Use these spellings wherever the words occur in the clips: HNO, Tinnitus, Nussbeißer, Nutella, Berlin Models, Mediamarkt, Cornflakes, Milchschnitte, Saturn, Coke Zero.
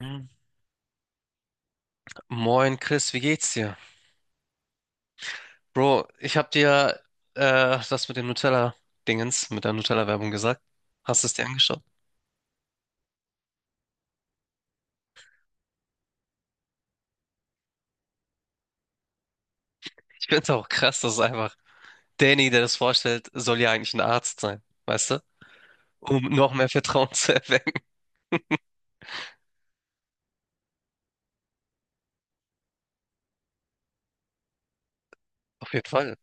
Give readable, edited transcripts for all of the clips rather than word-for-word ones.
Hm. Moin Chris, wie geht's dir? Bro, ich hab dir das mit dem Nutella-Dingens, mit der Nutella-Werbung gesagt. Hast du es dir angeschaut? Ich find's auch krass, dass einfach Danny, der das vorstellt, soll ja eigentlich ein Arzt sein, weißt du? Um noch mehr Vertrauen zu erwecken. Auf jeden Fall.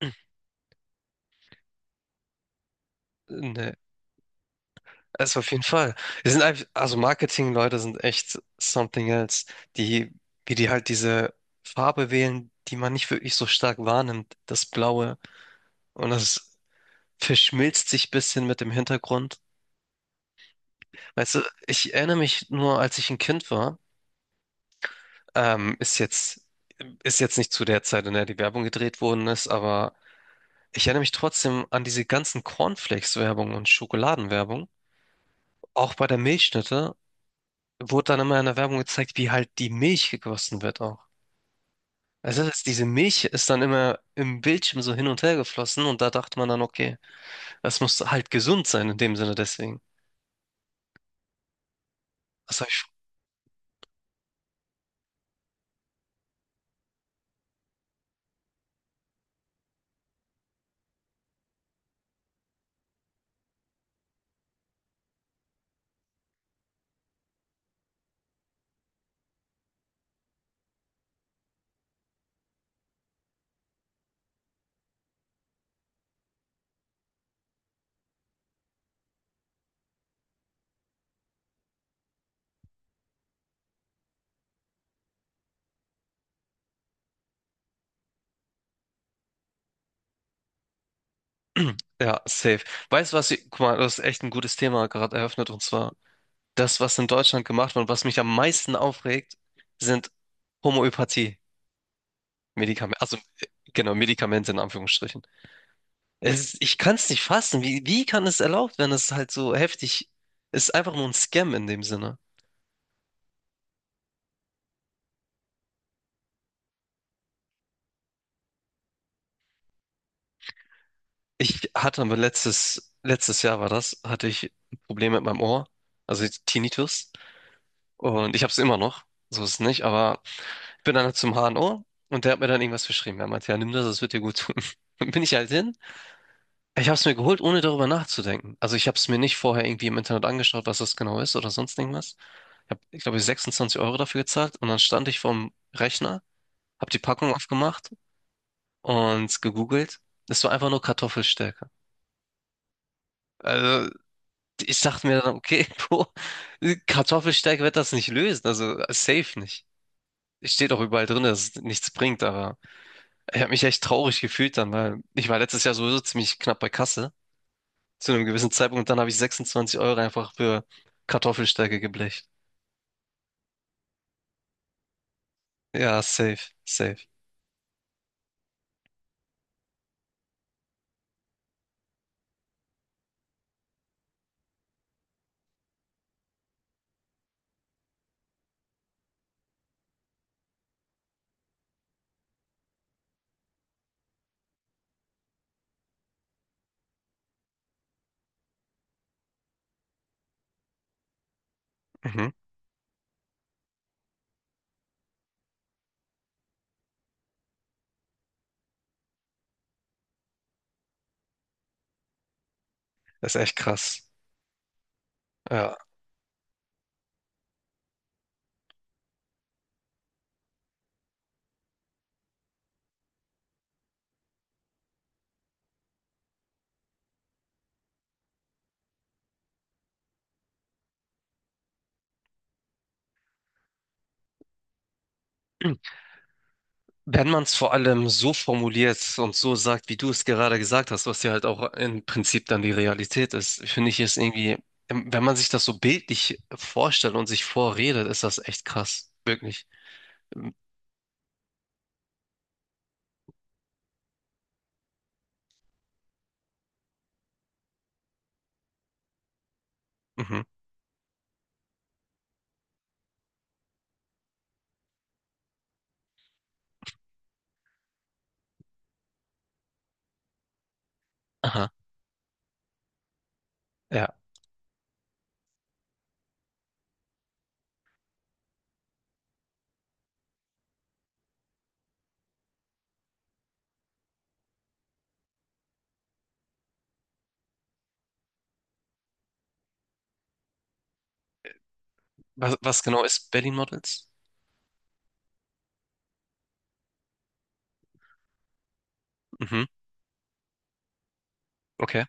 Nee, also auf jeden Fall. Wir sind einfach, also Marketing-Leute sind echt something else. Die, wie die halt diese Farbe wählen, die man nicht wirklich so stark wahrnimmt, das Blaue. Und das verschmilzt sich ein bisschen mit dem Hintergrund. Weißt du, ich erinnere mich nur, als ich ein Kind war, ähm, ist jetzt, ist jetzt nicht zu der Zeit, in der die Werbung gedreht worden ist, aber ich erinnere mich trotzdem an diese ganzen Cornflakes-Werbung und Schokoladenwerbung. Auch bei der Milchschnitte wurde dann immer in der Werbung gezeigt, wie halt die Milch gegossen wird auch. Also diese Milch ist dann immer im Bildschirm so hin und her geflossen und da dachte man dann, okay, das muss halt gesund sein in dem Sinne deswegen. Das habe Ja, safe. Weißt du was, guck mal, das ist echt ein gutes Thema gerade eröffnet und zwar das, was in Deutschland gemacht wird und was mich am meisten aufregt, sind Homöopathie-Medikamente, also genau, Medikamente in Anführungsstrichen. Es ist, ich kann es nicht fassen. Wie kann es erlaubt werden, es ist halt so heftig. Es ist einfach nur ein Scam in dem Sinne. Ich hatte aber letztes Jahr war das, hatte ich ein Problem mit meinem Ohr, also Tinnitus, und ich habe es immer noch, so ist es nicht, aber bin dann halt zum HNO und O und der hat mir dann irgendwas verschrieben. Er meinte, ja, nimm das, das wird dir gut tun. Dann bin ich halt hin. Ich habe es mir geholt, ohne darüber nachzudenken. Also ich habe es mir nicht vorher irgendwie im Internet angeschaut, was das genau ist oder sonst irgendwas. Ich habe, ich glaube, 26 € dafür gezahlt und dann stand ich vorm Rechner, habe die Packung aufgemacht und gegoogelt. Es war einfach nur Kartoffelstärke. Also ich dachte mir dann, okay, Bro, Kartoffelstärke wird das nicht lösen, also safe nicht. Steht auch überall drin, dass es nichts bringt, aber ich habe mich echt traurig gefühlt dann, weil ich war letztes Jahr sowieso ziemlich knapp bei Kasse zu einem gewissen Zeitpunkt, und dann habe ich 26 € einfach für Kartoffelstärke geblecht. Ja, safe, safe. Mhm. Das ist echt krass. Ja. Wenn man es vor allem so formuliert und so sagt, wie du es gerade gesagt hast, was ja halt auch im Prinzip dann die Realität ist, finde ich es irgendwie, wenn man sich das so bildlich vorstellt und sich vorredet, ist das echt krass. Wirklich. Mhm. Aha. Ja. Was genau ist Berlin Models? Mhm. Okay.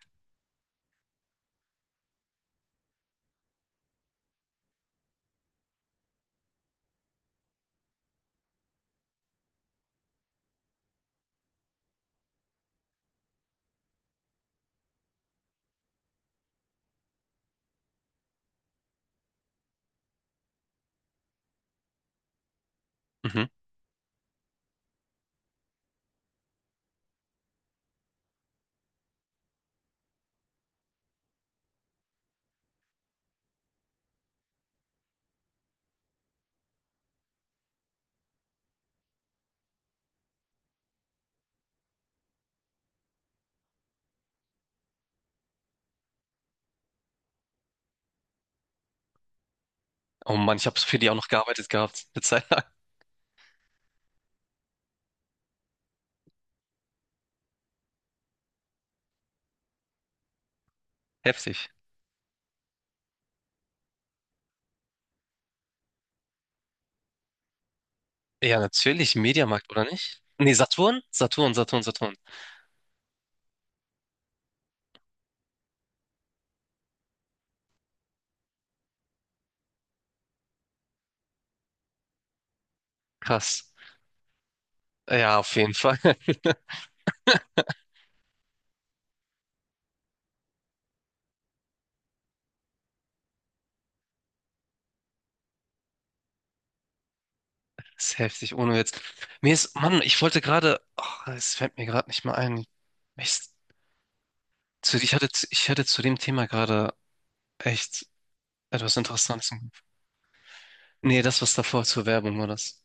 Mhm. Oh Mann, ich habe für die auch noch gearbeitet gehabt. Eine Zeit lang. Heftig. Ja, natürlich. Mediamarkt, oder nicht? Nee, Saturn? Saturn, Saturn, Saturn. Krass. Ja, auf jeden Fall. Das ist heftig, ohne jetzt. Mir ist, Mann, ich wollte gerade. Oh, es fällt mir gerade nicht mal ein. Ich, zu, ich hatte, zu- ich hatte zu dem Thema gerade echt etwas Interessantes im Kopf. Nee, das, was davor zur Werbung war, das.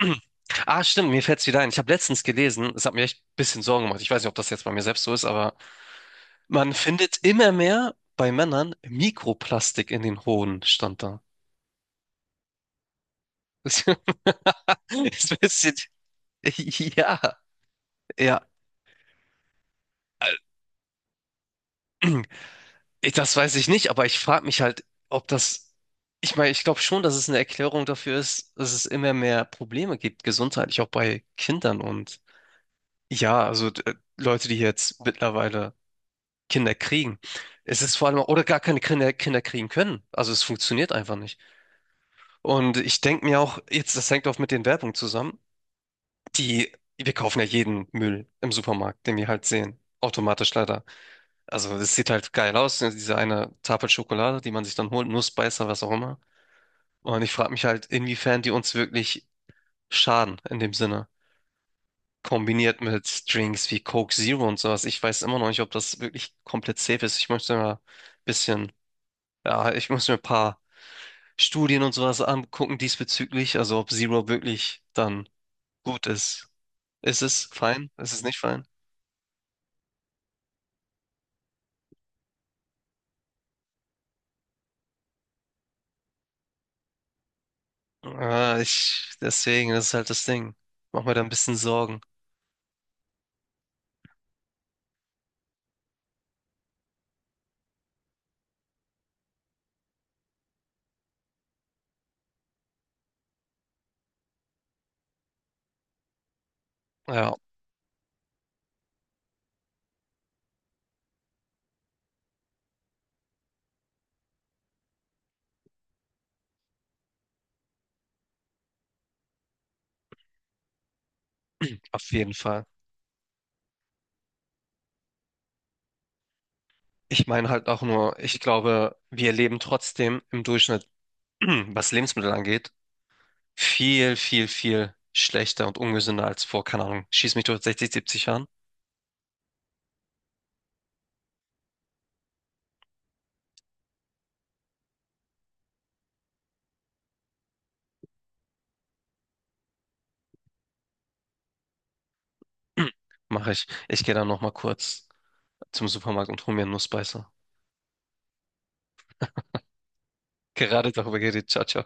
Ah, stimmt, mir fällt's wieder ein. Ich habe letztens gelesen, es hat mir echt ein bisschen Sorgen gemacht. Ich weiß nicht, ob das jetzt bei mir selbst so ist, aber man findet immer mehr bei Männern Mikroplastik in den Hoden, stand da. Das ist ein bisschen, ja, ja. Das weiß ich nicht, aber ich frage mich halt, ob das, ich meine, ich glaube schon, dass es eine Erklärung dafür ist, dass es immer mehr Probleme gibt, gesundheitlich auch bei Kindern und ja, also Leute, die jetzt mittlerweile Kinder kriegen. Es ist vor allem, oder gar keine Kinder kriegen können. Also es funktioniert einfach nicht. Und ich denke mir auch, jetzt, das hängt auch mit den Werbungen zusammen. Die, Wir kaufen ja jeden Müll im Supermarkt, den wir halt sehen. Automatisch leider. Also es sieht halt geil aus, ne, diese eine Tafel Schokolade, die man sich dann holt, Nussbeißer, was auch immer. Und ich frage mich halt, inwiefern die uns wirklich schaden in dem Sinne. Kombiniert mit Drinks wie Coke Zero und sowas. Ich weiß immer noch nicht, ob das wirklich komplett safe ist. Ich möchte mal ein bisschen, ja, ich muss mir ein paar Studien und sowas angucken diesbezüglich. Also ob Zero wirklich dann gut ist. Ist es fein? Ist es nicht fein? Ah, ich, deswegen, das ist halt das Ding. Mach mir da ein bisschen Sorgen. Ja, auf jeden Fall. Ich meine halt auch nur, ich glaube, wir leben trotzdem im Durchschnitt, was Lebensmittel angeht, viel, viel, viel schlechter und ungesünder als vor, keine Ahnung, schieß mich, durch 60, 70 Jahren. Mache ich. Ich gehe dann nochmal kurz zum Supermarkt und hole mir einen Nussbeißer. Gerade darüber geredet. Ciao, ciao.